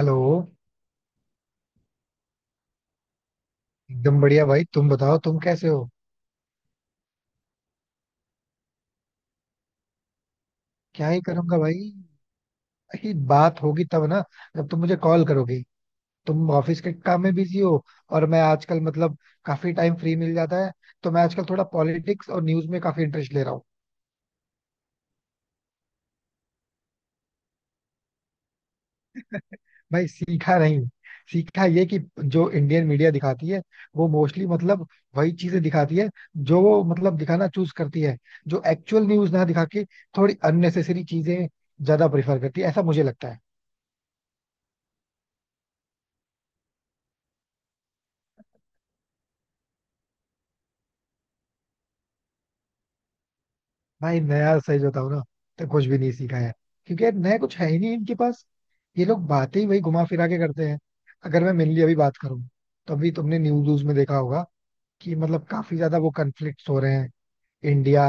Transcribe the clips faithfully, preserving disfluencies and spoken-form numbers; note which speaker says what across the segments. Speaker 1: Hello. एकदम बढ़िया भाई, तुम बताओ, तुम कैसे हो? क्या ही करूंगा भाई, ही बात होगी तब ना, जब तुम मुझे कॉल करोगे. तुम ऑफिस के काम में बिजी हो और मैं आजकल मतलब काफी टाइम फ्री मिल जाता है, तो मैं आजकल थोड़ा पॉलिटिक्स और न्यूज में काफी इंटरेस्ट ले रहा हूँ. भाई सीखा नहीं. सीखा ये कि जो इंडियन मीडिया दिखाती है वो मोस्टली मतलब वही चीजें दिखाती है, जो वो मतलब दिखाना चूज करती है. जो एक्चुअल न्यूज ना दिखा के थोड़ी अननेसेसरी चीजें ज्यादा प्रेफर करती है, ऐसा मुझे लगता है. भाई नया सही बताऊं ना, तो कुछ भी नहीं सीखा है. क्योंकि यार नया कुछ है ही नहीं इनके पास. ये लोग बातें ही वही घुमा फिरा के करते हैं. अगर मैं मेनली अभी बात करूं, तो अभी तुमने न्यूज व्यूज में देखा होगा कि मतलब काफी ज्यादा वो कन्फ्लिक्ट हो रहे हैं इंडिया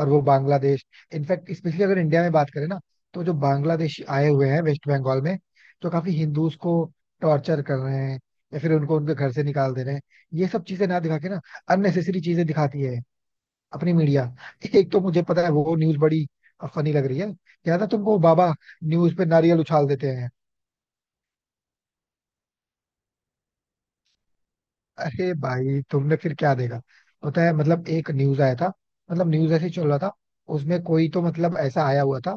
Speaker 1: और वो बांग्लादेश. इनफैक्ट स्पेशली अगर इंडिया में बात करें ना, तो जो बांग्लादेशी आए हुए हैं वेस्ट बंगाल में, जो काफी हिंदूज को टॉर्चर कर रहे हैं या फिर उनको उनके घर से निकाल दे रहे हैं, ये सब चीजें ना दिखा के ना अननेसेसरी चीजें दिखाती है अपनी मीडिया. एक तो मुझे पता है वो न्यूज बड़ी फनी लग रही है. याद है तुमको बाबा न्यूज पे नारियल उछाल देते हैं? अरे भाई, तुमने फिर क्या देखा? पता है मतलब एक न्यूज आया था, मतलब न्यूज ऐसे ही चल रहा था, उसमें कोई तो मतलब ऐसा आया हुआ था,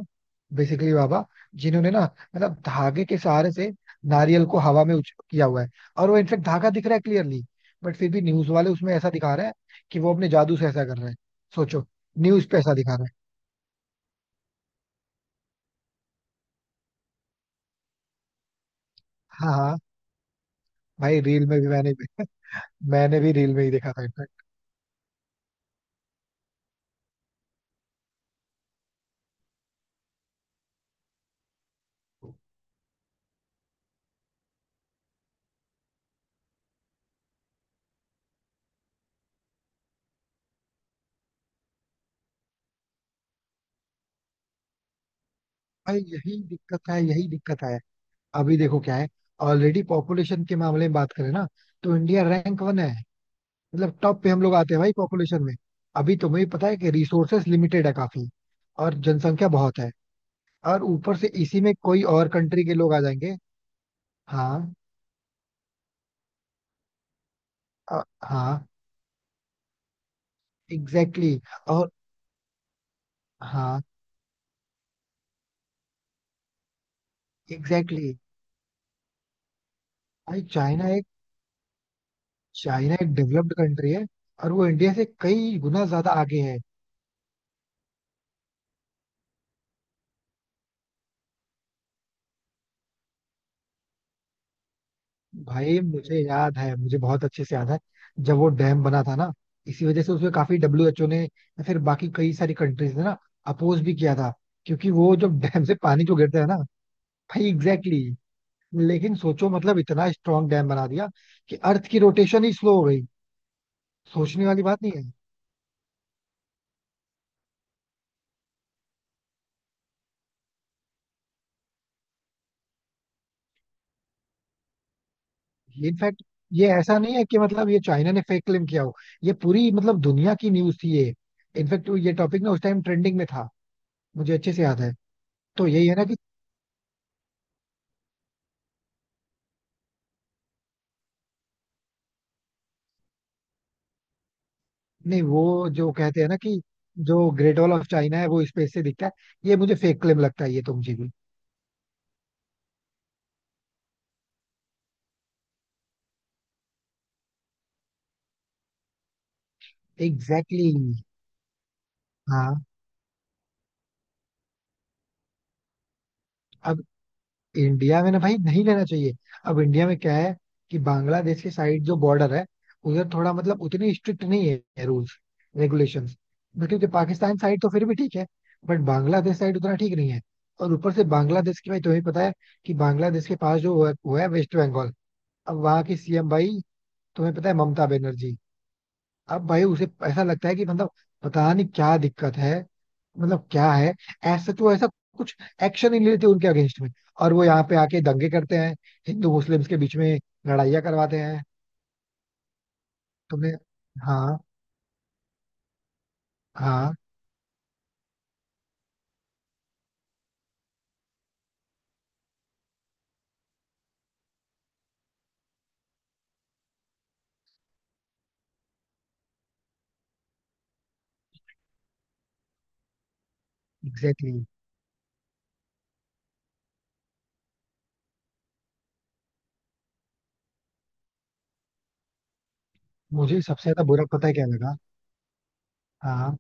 Speaker 1: बेसिकली बाबा जिन्होंने ना मतलब धागे के सहारे से नारियल को हवा में उछ किया हुआ है, और वो इनफेक्ट धागा दिख रहा है क्लियरली. बट फिर भी न्यूज वाले उसमें ऐसा दिखा रहे हैं कि वो अपने जादू से ऐसा कर रहे हैं. सोचो, न्यूज पे ऐसा दिखा रहे हैं. हाँ हाँ. भाई रील में भी मैंने मैंने भी रील में ही देखा था इनफैक्ट. भाई यही दिक्कत है, यही दिक्कत है. अभी देखो क्या है, ऑलरेडी पॉपुलेशन के मामले में बात करें ना, तो इंडिया रैंक वन है. मतलब टॉप पे हम लोग आते हैं भाई पॉपुलेशन में. अभी तुम्हें पता है कि रिसोर्सेस लिमिटेड है काफी और जनसंख्या बहुत है. और ऊपर से इसी में कोई और कंट्री के लोग आ जाएंगे. हाँ. अ, हाँ. एग्जैक्टली exactly, और. हाँ. एग्जैक्टली exactly, भाई. चाइना एक. चाइना एक डेवलप्ड कंट्री है और वो इंडिया से कई गुना ज्यादा आगे है. भाई मुझे याद है, मुझे बहुत अच्छे से याद है जब वो डैम बना था ना. इसी वजह से उसमें काफी डब्ल्यूएचओ ने या फिर बाकी कई सारी कंट्रीज ने ना अपोज भी किया था. क्योंकि वो जब डैम से पानी जो गिरता है ना. भाई एग्जैक्टली exactly. लेकिन सोचो, मतलब इतना स्ट्रांग डैम बना दिया कि अर्थ की रोटेशन ही स्लो हो गई. सोचने वाली बात नहीं है. ये इनफैक्ट ये ऐसा नहीं है कि मतलब ये चाइना ने फेक क्लेम किया हो. ये पूरी मतलब दुनिया की न्यूज थी ये. इनफैक्ट ये टॉपिक ना उस टाइम ट्रेंडिंग में था, मुझे अच्छे से याद है. तो यही है ना कि. नहीं, वो जो कहते हैं ना कि जो ग्रेट वॉल ऑफ चाइना है वो स्पेस से दिखता है, ये मुझे फेक क्लेम लगता है, ये तो मुझे भी. Exactly exactly. हाँ. अब इंडिया में ना भाई नहीं लेना चाहिए. अब इंडिया में क्या है कि बांग्लादेश के साइड जो बॉर्डर है उधर थोड़ा मतलब उतनी स्ट्रिक्ट नहीं है रूल्स रेगुलेशंस. क्योंकि पाकिस्तान साइड तो फिर भी ठीक है, बट बांग्लादेश साइड उतना ठीक नहीं है. और ऊपर से बांग्लादेश की भाई तुम्हें पता है कि बांग्लादेश के पास जो वो है वेस्ट बंगाल. अब वहाँ की सीएम भाई तुम्हें पता है, ममता बनर्जी. अब भाई उसे ऐसा लगता है कि मतलब पता नहीं क्या दिक्कत है, मतलब क्या है, ऐसा तो ऐसा कुछ एक्शन ही नहीं लेते उनके अगेंस्ट में. और वो यहाँ पे आके दंगे करते हैं, हिंदू मुस्लिम्स के बीच में लड़ाइयाँ करवाते हैं. तुमने. हाँ हाँ. Exactly exactly. मुझे सबसे ज्यादा बुरा पता है क्या लगा. हाँ.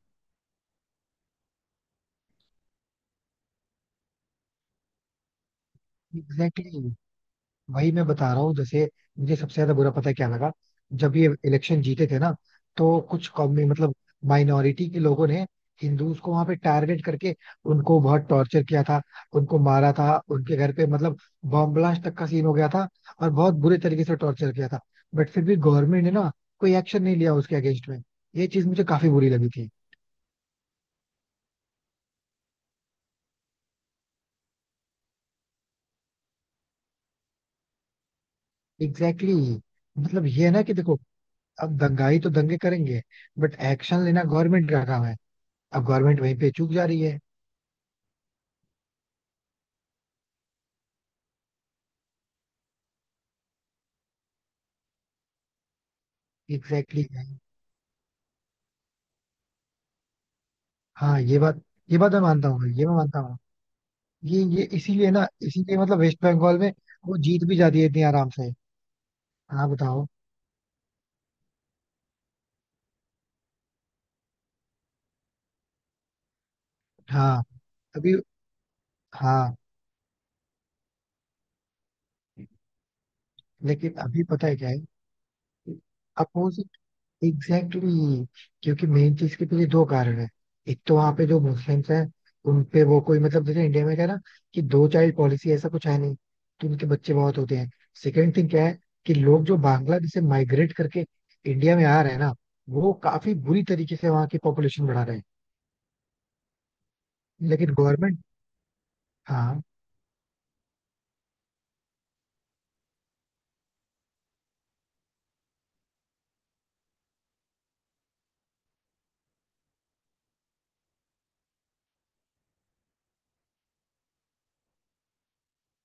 Speaker 1: Exactly exactly. वही मैं बता रहा हूँ जैसे, मुझे सबसे ज्यादा बुरा पता है क्या लगा, जब ये इलेक्शन जीते थे ना, तो कुछ कौमी मतलब माइनॉरिटी के लोगों ने हिंदूज को वहां पे टारगेट करके उनको बहुत टॉर्चर किया था, उनको मारा था, उनके घर पे मतलब बॉम्ब ब्लास्ट तक का सीन हो गया था और बहुत बुरे तरीके से टॉर्चर किया था. बट फिर भी गवर्नमेंट ने ना कोई एक्शन नहीं लिया उसके अगेंस्ट में. ये चीज मुझे काफी बुरी लगी थी. Exactly exactly. मतलब ये है ना कि देखो, अब दंगाई तो दंगे करेंगे, बट एक्शन लेना गवर्नमेंट का काम है. अब गवर्नमेंट वहीं पे चूक जा रही है. Exactly exactly. हाँ, ये बात ये बात मैं मानता हूँ भाई, ये मैं मानता हूँ. ये ये इसीलिए ना इसीलिए मतलब वेस्ट बंगाल में वो जीत भी जाती है इतनी आराम से. हाँ बताओ. हाँ, अभी. हाँ, लेकिन अभी पता है क्या है. अपोज. Exactly exactly. क्योंकि मेन चीज के पीछे दो कारण है. एक तो वहां पे जो मुस्लिम्स हैं उन पे वो कोई मतलब जैसे इंडिया में क्या है ना कि दो चाइल्ड पॉलिसी ऐसा कुछ है नहीं, तो उनके बच्चे बहुत होते हैं. सेकंड थिंग क्या है कि लोग जो बांग्लादेश से माइग्रेट करके इंडिया में आ रहे हैं ना वो काफी बुरी तरीके से वहाँ की पॉपुलेशन बढ़ा रहे हैं. लेकिन गवर्नमेंट. हाँ.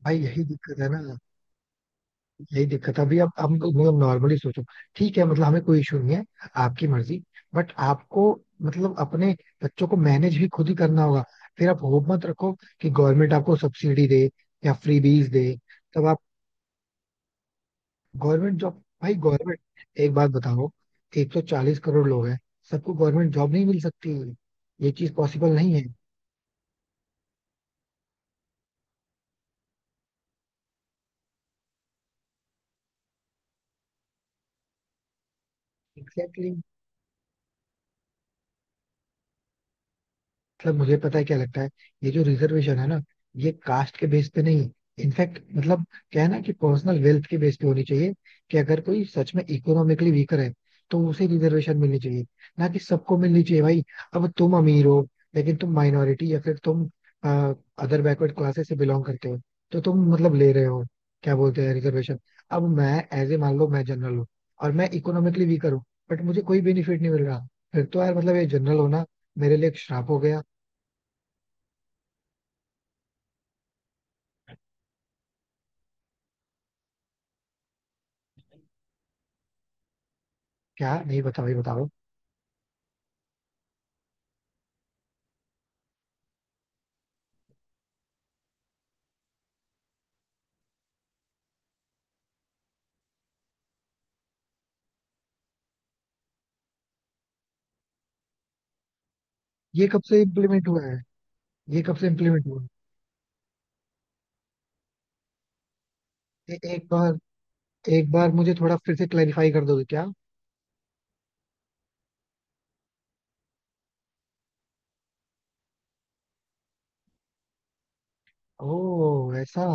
Speaker 1: भाई यही दिक्कत है ना, यही दिक्कत है. अभी अब हम मतलब नॉर्मली सोचो, ठीक है मतलब हमें कोई इशू नहीं है, आपकी मर्जी. बट आपको मतलब अपने बच्चों को मैनेज भी खुद ही करना होगा. फिर आप होप मत रखो कि गवर्नमेंट आपको सब्सिडी दे या फ्रीबीज दे. तब आप. गवर्नमेंट जॉब भाई गवर्नमेंट, एक बात बताओ, एक सौ चालीस करोड़ लोग हैं, सबको गवर्नमेंट जॉब नहीं मिल सकती. ये चीज पॉसिबल नहीं है. एग्जैक्टली. मतलब मुझे पता है क्या लगता है, ये जो रिजर्वेशन है ना, ये कास्ट के बेस पे नहीं, इनफैक्ट मतलब क्या है ना कि पर्सनल वेल्थ के बेस पे होनी चाहिए. कि अगर कोई सच में इकोनॉमिकली वीकर है, तो उसे रिजर्वेशन मिलनी चाहिए, ना कि सबको मिलनी चाहिए भाई. अब तुम अमीर हो लेकिन तुम माइनॉरिटी या फिर तुम अदर बैकवर्ड क्लासेस से बिलोंग करते हो, तो तुम मतलब ले रहे हो क्या बोलते हैं रिजर्वेशन. अब मैं एज ए मान लो मैं जनरल हूँ और मैं इकोनॉमिकली वीकर हूँ, बट मुझे कोई बेनिफिट नहीं मिल रहा, फिर तो यार मतलब ये जनरल होना मेरे लिए एक श्राप हो गया. क्या, नहीं बताओ, ये बताओ. ये कब से इम्प्लीमेंट हुआ है? ये कब से इम्प्लीमेंट हुआ है? ए, एक बार, एक बार मुझे थोड़ा फिर से क्लैरिफाई कर दोगे क्या? ओ ऐसा.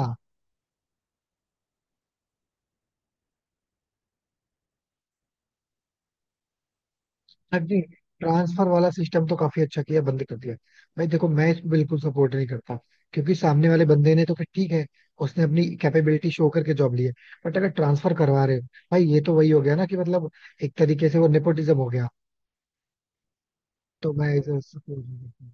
Speaker 1: नहीं, ट्रांसफर वाला सिस्टम तो काफी अच्छा किया बंद कर दिया. भाई देखो, मैं इसको बिल्कुल सपोर्ट नहीं करता, क्योंकि सामने वाले बंदे ने तो फिर ठीक है, उसने अपनी कैपेबिलिटी शो करके जॉब ली है. बट अगर ट्रांसफर करवा रहे हो, भाई ये तो वही हो गया ना कि मतलब एक तरीके से वो नेपोटिज्म हो गया. तो मैं इसे support नहीं करता.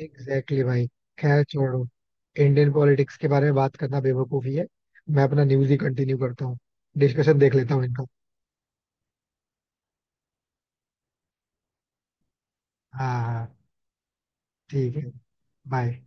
Speaker 1: एग्जैक्टली exactly भाई. खैर छोड़ो, इंडियन पॉलिटिक्स के बारे में बात करना बेवकूफी है. मैं अपना न्यूज ही कंटिन्यू करता हूँ, डिस्कशन देख लेता हूँ इनका. हाँ हाँ. ठीक है. बाय.